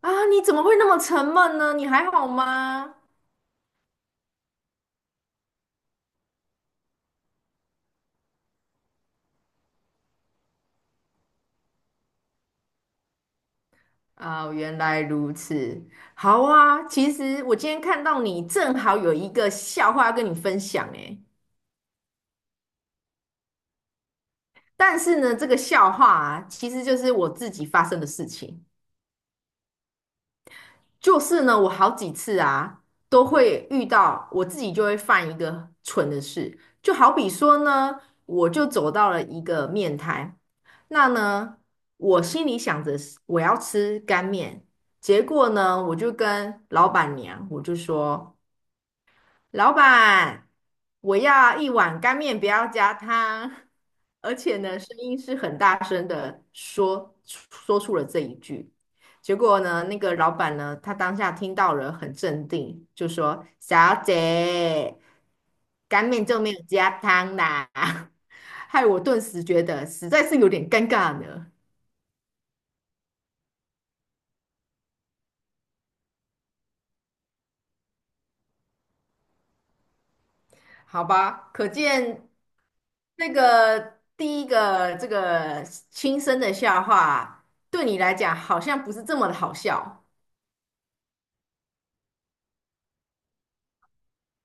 啊，你怎么会那么沉闷呢？你还好吗？啊，原来如此。好啊，其实我今天看到你正好有一个笑话要跟你分享诶，但是呢，这个笑话啊，其实就是我自己发生的事情。就是呢，我好几次啊，都会遇到我自己就会犯一个蠢的事，就好比说呢，我就走到了一个面摊，那呢，我心里想着是我要吃干面，结果呢，我就跟老板娘说。老板，我要一碗干面，不要加汤。而且呢，声音是很大声的说出了这一句。结果呢，那个老板呢，他当下听到了，很镇定，就说："小姐，干面就没有加汤啦。害我顿时觉得实在是有点尴尬呢。好吧，可见那个第一个这个轻声的笑话，对你来讲好像不是这么的好笑。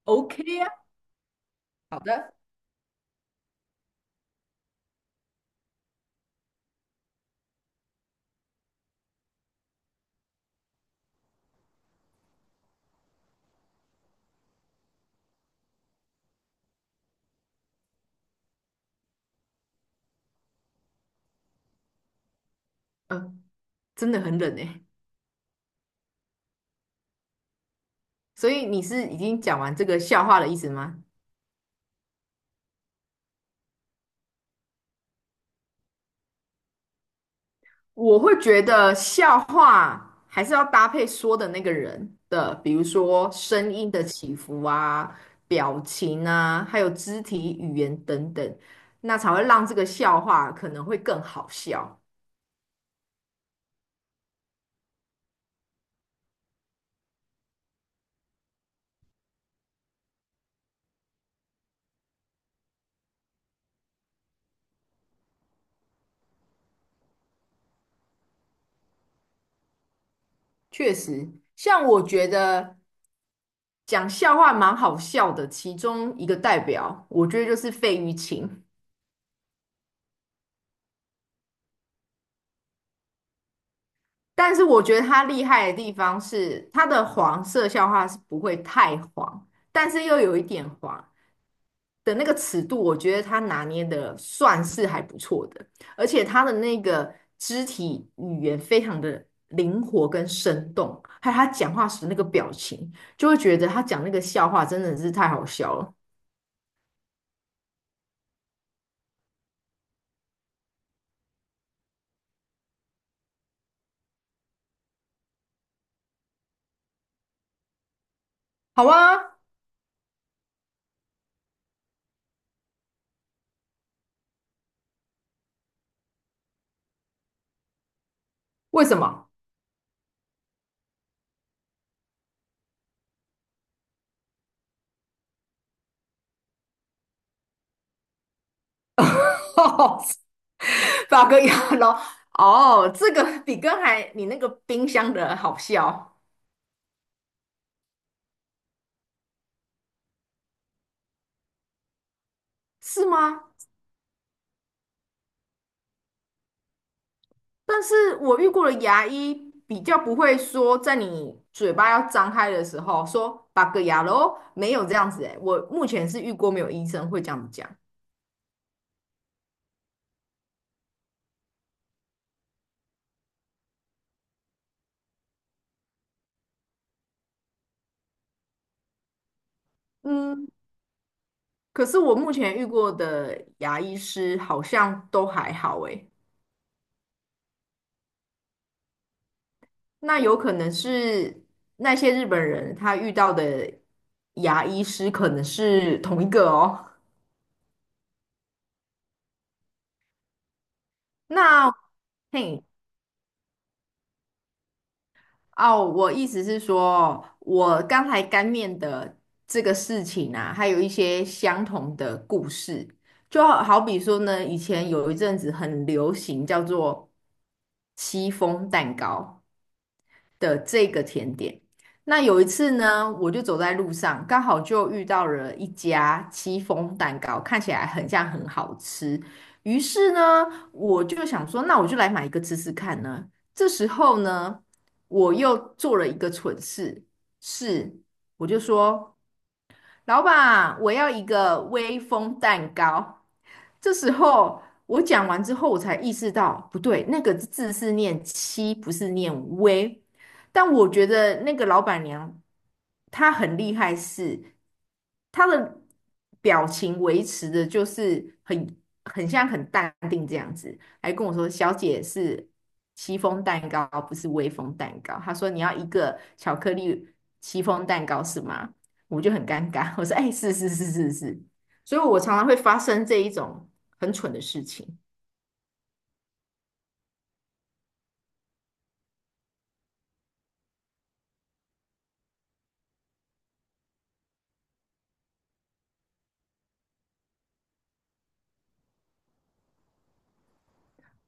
OK 啊，好的，嗯，真的很冷诶。所以你是已经讲完这个笑话的意思吗？我会觉得笑话还是要搭配说的那个人的，比如说声音的起伏啊、表情啊，还有肢体语言等等，那才会让这个笑话可能会更好笑。确实，像我觉得讲笑话蛮好笑的，其中一个代表，我觉得就是费玉清。但是我觉得他厉害的地方是，他的黄色笑话是不会太黄，但是又有一点黄的那个尺度，我觉得他拿捏的算是还不错的。而且他的那个肢体语言非常的灵活跟生动，还有他讲话时那个表情，就会觉得他讲那个笑话真的是太好笑了。好啊，为什么？哦，法国洋哦，这个比刚才你那个冰箱的好笑，是吗？但是我遇过的牙医比较不会说，在你嘴巴要张开的时候说"八个牙咯没有这样子诶，我目前是遇过没有医生会这样子讲。嗯，可是我目前遇过的牙医师好像都还好哎。那有可能是那些日本人他遇到的牙医师可能是同一个哦。那嘿哦，我意思是说，我刚才干面的这个事情啊，还有一些相同的故事，就好比说呢，以前有一阵子很流行叫做戚风蛋糕。的这个甜点。那有一次呢，我就走在路上，刚好就遇到了一家戚风蛋糕，看起来很像很好吃。于是呢，我就想说，那我就来买一个吃吃看呢。这时候呢，我又做了一个蠢事，是我就说老板，我要一个威风蛋糕。这时候我讲完之后，我才意识到不对，那个字是念七，不是念微。但我觉得那个老板娘她很厉害是，她的表情维持的就是很像很淡定这样子，还跟我说："小姐是戚风蛋糕，不是威风蛋糕。"她说："你要一个巧克力戚风蛋糕是吗？"我就很尴尬。我说："哎，是是是是是。"所以，我常常会发生这一种很蠢的事情。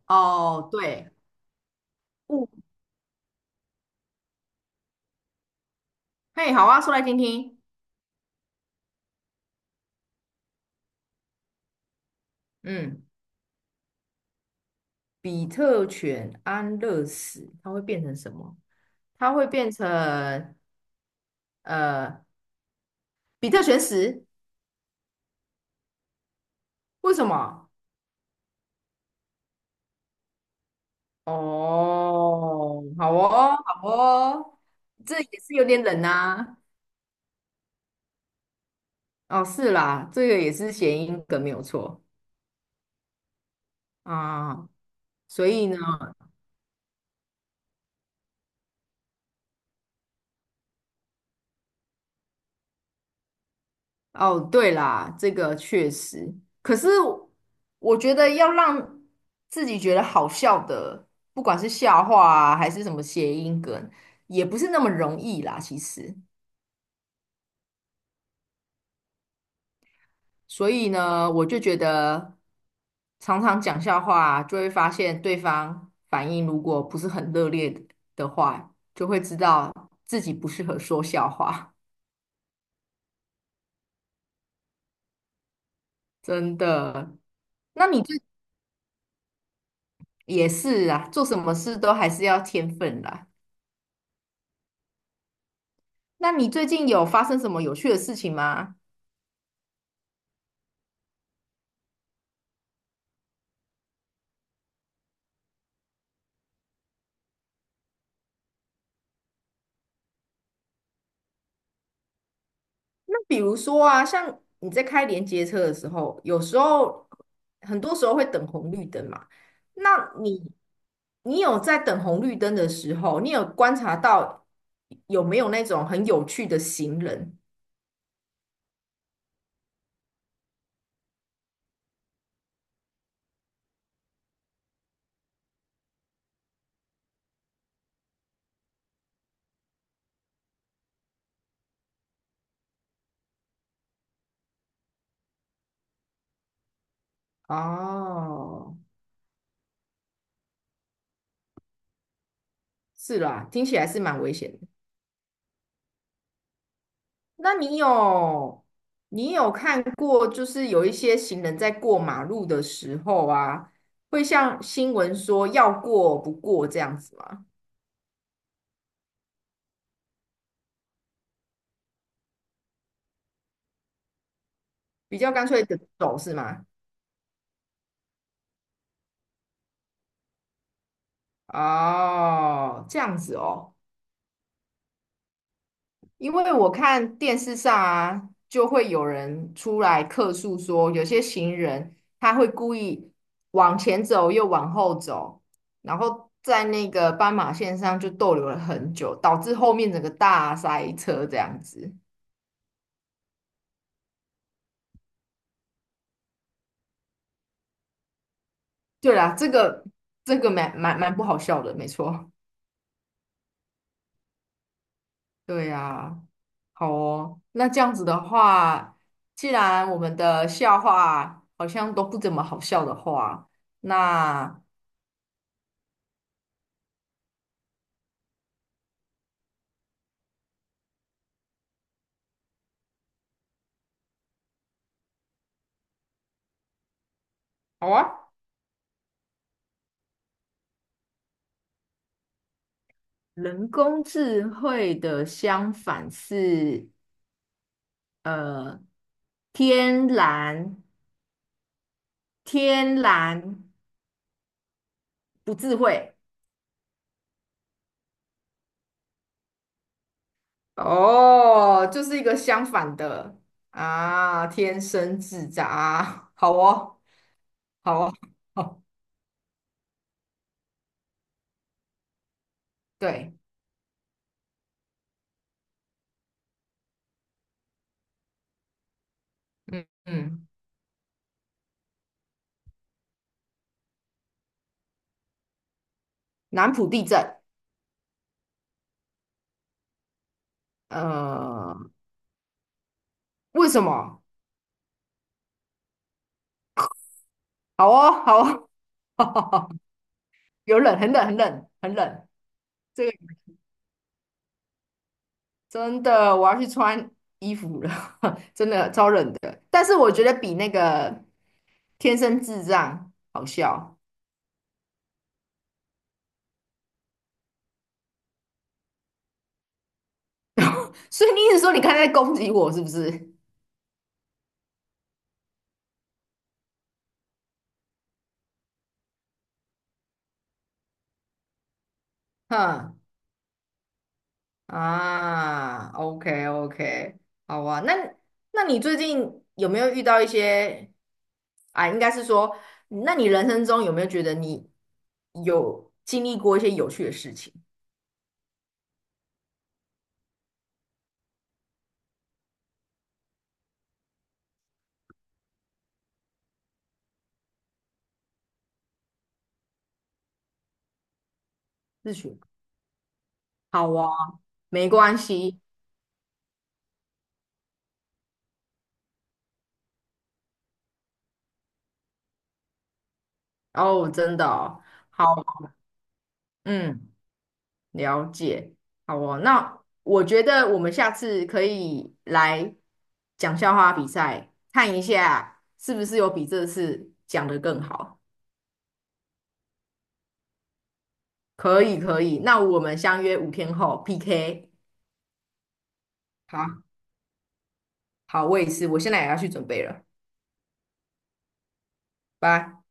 哦，对，物，嘿，好啊，说来听听。嗯，比特犬安乐死，它会变成什么？它会变成呃，比特犬死？为什么？哦，好哦，好哦，这也是有点冷呐、哦，是啦，这个也是谐音梗，没有错啊。所以呢？哦，对啦，这个确实。可是我觉得要让自己觉得好笑的，不管是笑话啊，还是什么谐音梗，也不是那么容易啦，其实。所以呢，我就觉得常常讲笑话，就会发现对方反应如果不是很热烈的话，就会知道自己不适合说笑话，真的。那你这也是啊，做什么事都还是要天分啦。那你最近有发生什么有趣的事情吗？那比如说啊，像你在开连接车的时候，有时候很多时候会等红绿灯嘛。那你你有在等红绿灯的时候，你有观察到有没有那种很有趣的行人？哦，是啦，听起来是蛮危险的。那你有看过，就是有一些行人在过马路的时候啊，会像新闻说要过不过这样子吗？比较干脆的走是吗？哦，这样子哦。因为我看电视上啊，就会有人出来客诉说，有些行人他会故意往前走又往后走，然后在那个斑马线上就逗留了很久，导致后面整个大塞车这样子。对啦，这个这个蛮不好笑的，没错。对呀，好哦。那这样子的话，既然我们的笑话好像都不怎么好笑的话，那好啊。人工智慧的相反是呃天然天然不智慧哦，就是一个相反的啊，天生智障啊，好哦，好哦，好，对，嗯嗯，南浦地震，呃，为什么？好哦，好哦，有冷，很冷，很冷，很冷。这个。真的，我要去穿衣服了，真的超冷的。但是我觉得比那个天生智障好笑。所以你一直说你刚才在攻击我是不是？哼啊，OK OK,好啊。那你最近有没有遇到一些啊？应该是说，那你人生中有没有觉得你有经历过一些有趣的事情？是学好啊，没关系哦，真的哦好，嗯。了解，好哦。那我觉得我们下次可以来讲笑话比赛，看一下是不是有比这次讲得更好。可以，可以。那我们相约5天后 PK。好，好，我也是，我现在也要去准备了，拜。